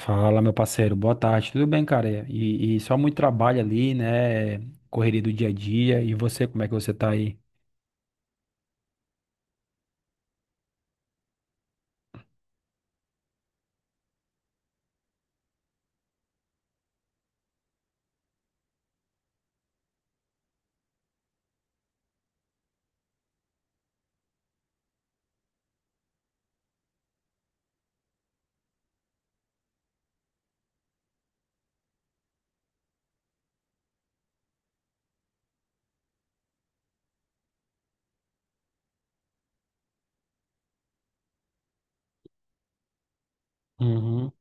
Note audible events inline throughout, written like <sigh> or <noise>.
Fala, meu parceiro, boa tarde, tudo bem, cara? E só muito trabalho ali, né? Correria do dia a dia. E você, como é que você tá aí? Uhum.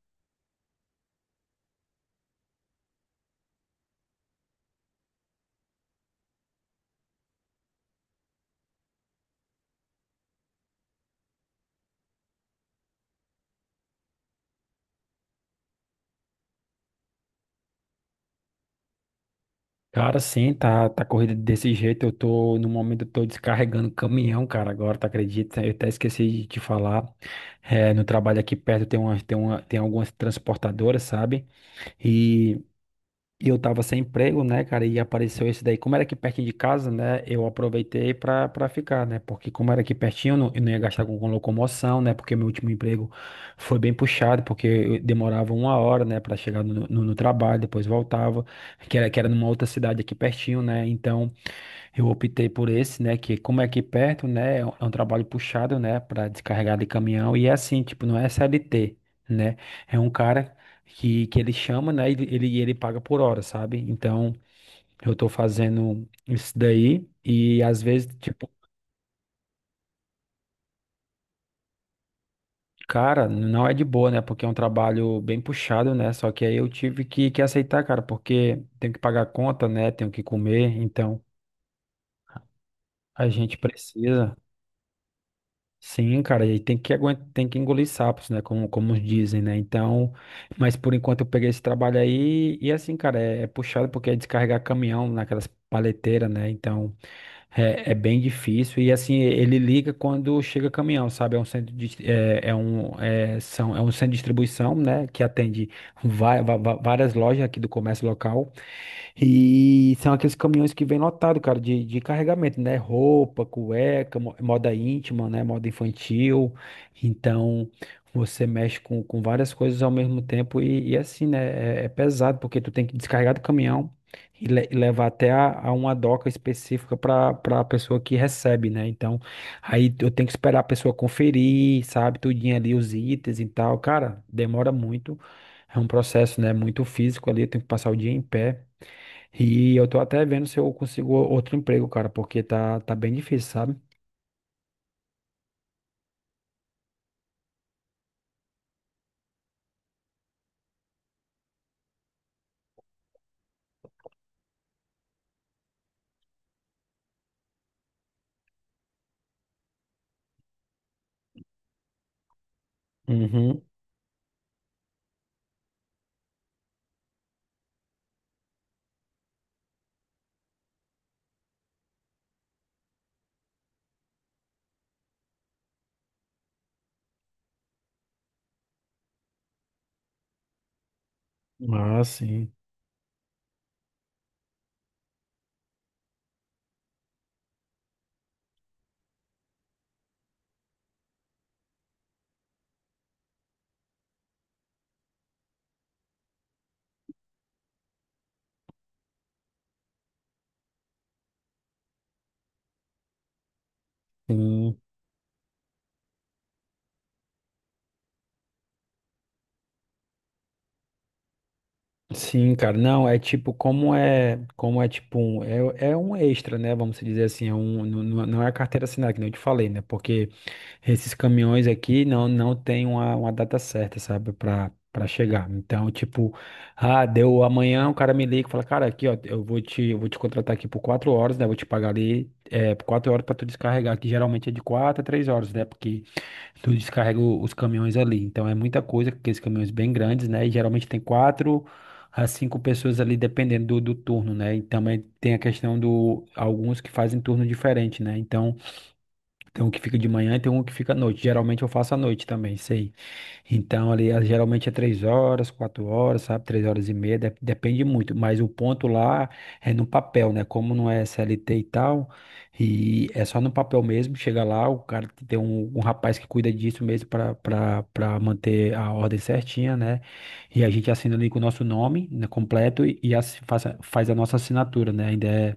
Cara, sim, tá corrida desse jeito. Eu tô, no momento, eu tô descarregando caminhão, cara, agora, tá acredita? Eu até esqueci de te falar. É, no trabalho aqui perto tem algumas transportadoras, sabe? E E eu tava sem emprego, né, cara? E apareceu esse daí. Como era aqui pertinho de casa, né? Eu aproveitei pra ficar, né? Porque como era aqui pertinho, eu não ia gastar com locomoção, né? Porque meu último emprego foi bem puxado, porque eu demorava uma hora, né, pra chegar no trabalho, depois voltava, que era numa outra cidade aqui pertinho, né? Então eu optei por esse, né? Que como é aqui perto, né? É um trabalho puxado, né? Pra descarregar de caminhão. E é assim, tipo, não é CLT. Né? É um cara que ele chama, né? Ele paga por hora, sabe? Então, eu tô fazendo isso daí e às vezes, tipo, cara, não é de boa, né? Porque é um trabalho bem puxado, né? Só que aí eu tive que aceitar, cara, porque tenho que pagar a conta, né? Tenho que comer, então a gente precisa. Sim, cara, e tem que aguentar, tem que engolir sapos, né? Como dizem, né? Então, mas por enquanto eu peguei esse trabalho aí e assim, cara, é puxado porque é descarregar caminhão naquelas paleteiras, né? Então, é bem difícil e assim, ele liga quando chega caminhão, sabe? É um centro de distribuição, né? Que atende várias lojas aqui do comércio local. E são aqueles caminhões que vêm lotado, cara, de carregamento, né? Roupa, cueca, moda íntima, né? Moda infantil. Então, você mexe com várias coisas ao mesmo tempo e assim, né? É pesado, porque tu tem que descarregar do caminhão e levar até a uma doca específica para a pessoa que recebe, né? Então, aí eu tenho que esperar a pessoa conferir, sabe? Tudinho ali, os itens e tal. Cara, demora muito. É um processo, né? Muito físico ali, eu tenho que passar o dia em pé. E eu tô até vendo se eu consigo outro emprego, cara, porque tá bem difícil, sabe? Uhum. Ah, sim. Sim. Sim, cara, não, é tipo, como é tipo um, é um extra, né, vamos dizer assim, é um, não é a carteira assinada, que nem eu te falei, né, porque esses caminhões aqui não tem uma, data certa, sabe, para chegar. Então, tipo, ah, deu amanhã, o cara me liga e fala, cara, aqui, ó, eu vou te contratar aqui por quatro horas, né? Vou te pagar ali por quatro horas para tu descarregar, que geralmente é de quatro a três horas, né? Porque tu descarrega os caminhões ali. Então, é muita coisa, aqueles caminhões bem grandes, né? E geralmente tem quatro a cinco pessoas ali, dependendo do turno, né? E também tem a questão do alguns que fazem turno diferente, né? Então tem um que fica de manhã e tem um que fica à noite. Geralmente eu faço à noite também, sei. Então, ali, ah, geralmente é três horas, quatro horas, sabe? Três horas e meia, depende muito. Mas o ponto lá é no papel, né? Como não é CLT e tal, e é só no papel mesmo. Chega lá, o cara que tem um rapaz que cuida disso mesmo para manter a ordem certinha, né? E a gente assina ali com o nosso nome, né, completo e faz a nossa assinatura, né? Ainda é.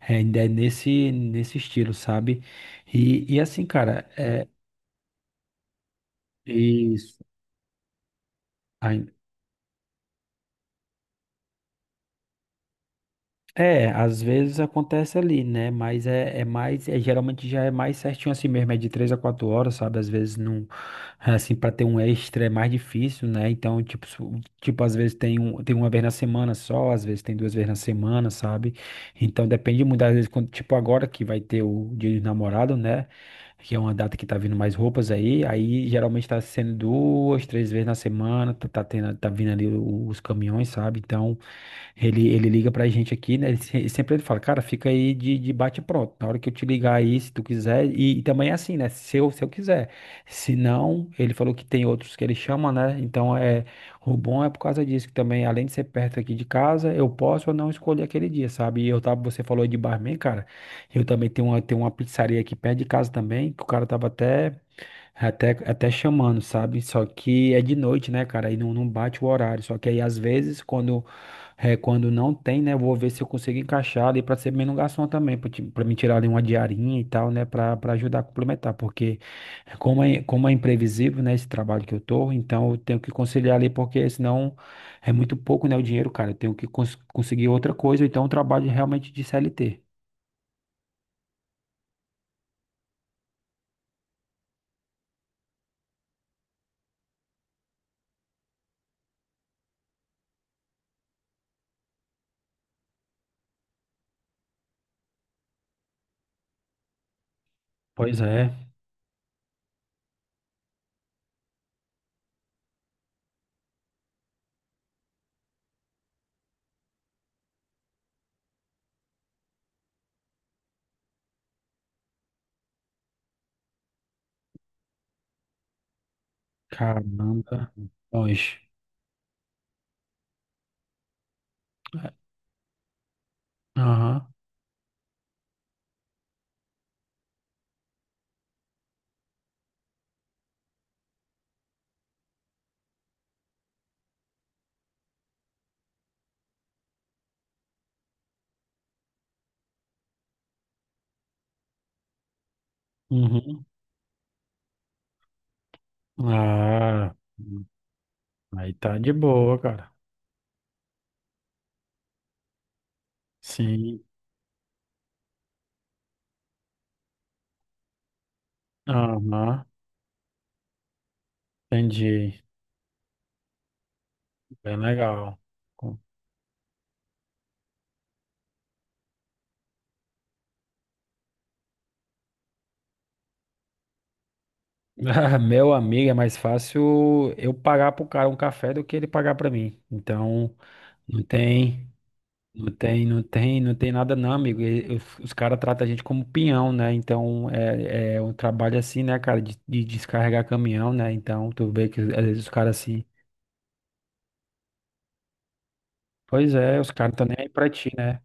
É, ainda é nesse estilo, sabe? E assim, cara, é isso. É, às vezes acontece ali, né? Mas é mais, geralmente já é mais certinho assim mesmo, é de três a quatro horas, sabe? Às vezes não, assim, para ter um extra é mais difícil, né? Então, tipo, às vezes tem uma vez na semana só, às vezes tem duas vezes na semana, sabe? Então depende muito, às vezes, quando, tipo, agora que vai ter o Dia dos Namorados, né? Que é uma data que tá vindo mais roupas aí geralmente tá sendo duas, três vezes na semana, tá tendo, tá vindo ali os caminhões, sabe? Então. Ele liga pra gente aqui, né? Ele, se- sempre ele fala, cara, fica aí de bate e pronto. Na hora que eu te ligar aí, se tu quiser. E também é assim, né? Se eu quiser. Se não, ele falou que tem outros que ele chama, né? Então é. O bom é por causa disso, que também, além de ser perto aqui de casa, eu posso ou não escolher aquele dia, sabe? E eu tava, você falou aí de barman, cara. Eu também tenho uma pizzaria aqui perto de casa também, que o cara tava até. Até chamando, sabe? Só que é de noite, né, cara? Aí não bate o horário. Só que aí, às vezes, quando não tem, né, eu vou ver se eu consigo encaixar ali pra ser menos garçom também, pra me tirar ali uma diarinha e tal, né, pra ajudar a complementar. Porque, como é imprevisível, né, esse trabalho que eu tô, então eu tenho que conciliar ali, porque senão é muito pouco, né, o dinheiro, cara. Eu tenho que conseguir outra coisa, ou então um trabalho realmente de CLT. Pois é, caramba, longe. Aham. Uhum. Ah, aí tá de boa, cara. Sim, aham, entendi. Bem legal. Com- <laughs> Ah, meu amigo, é mais fácil eu pagar pro cara um café do que ele pagar pra mim. Então, não tem, não tem nada não, amigo. Os caras tratam a gente como peão, né? Então, é um trabalho assim, né, cara, de descarregar caminhão, né? Então, tu vê que às vezes os caras assim, pois é, os caras tão nem aí pra ti, né?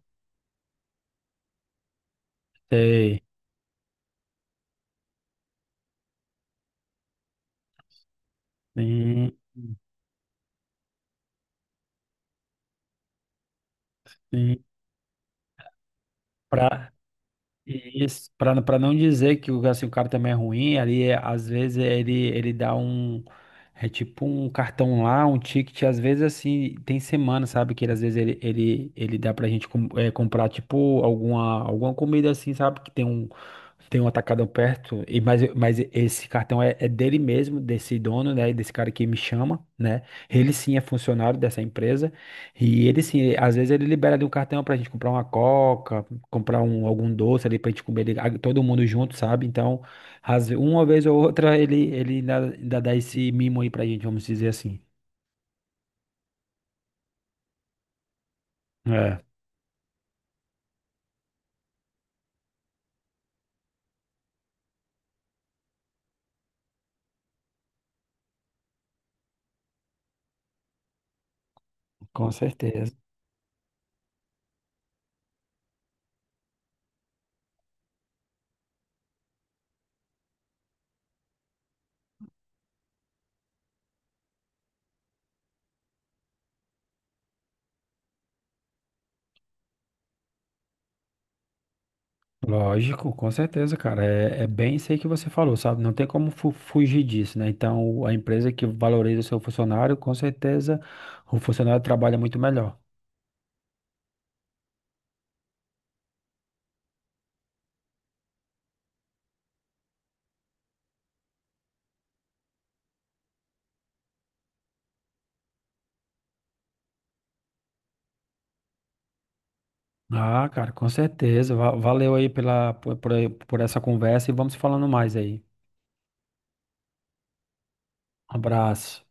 Sei. Sim. Sim, Pra, isso, pra não dizer que o, assim, o cara também é ruim, ali, às vezes ele dá um. É tipo um cartão lá, um ticket, às vezes assim, tem semana, sabe? Às vezes ele dá pra gente comprar, tipo, alguma comida assim, sabe? Que tem um atacadão perto, mas esse cartão é dele mesmo, desse dono, né? Desse cara que me chama, né? Ele sim é funcionário dessa empresa. E ele sim, às vezes ele libera ali um cartão pra gente comprar uma coca algum doce ali pra gente comer ali, todo mundo junto, sabe? Então, uma vez ou outra ele ainda dá esse mimo aí pra gente, vamos dizer assim. É. Com certeza. Lógico, com certeza, cara. É bem isso aí que você falou, sabe? Não tem como fugir disso, né? Então, a empresa que valoriza o seu funcionário, com certeza, o funcionário trabalha muito melhor. Ah, cara, com certeza. Valeu aí pela, por essa conversa e vamos falando mais aí. Um abraço.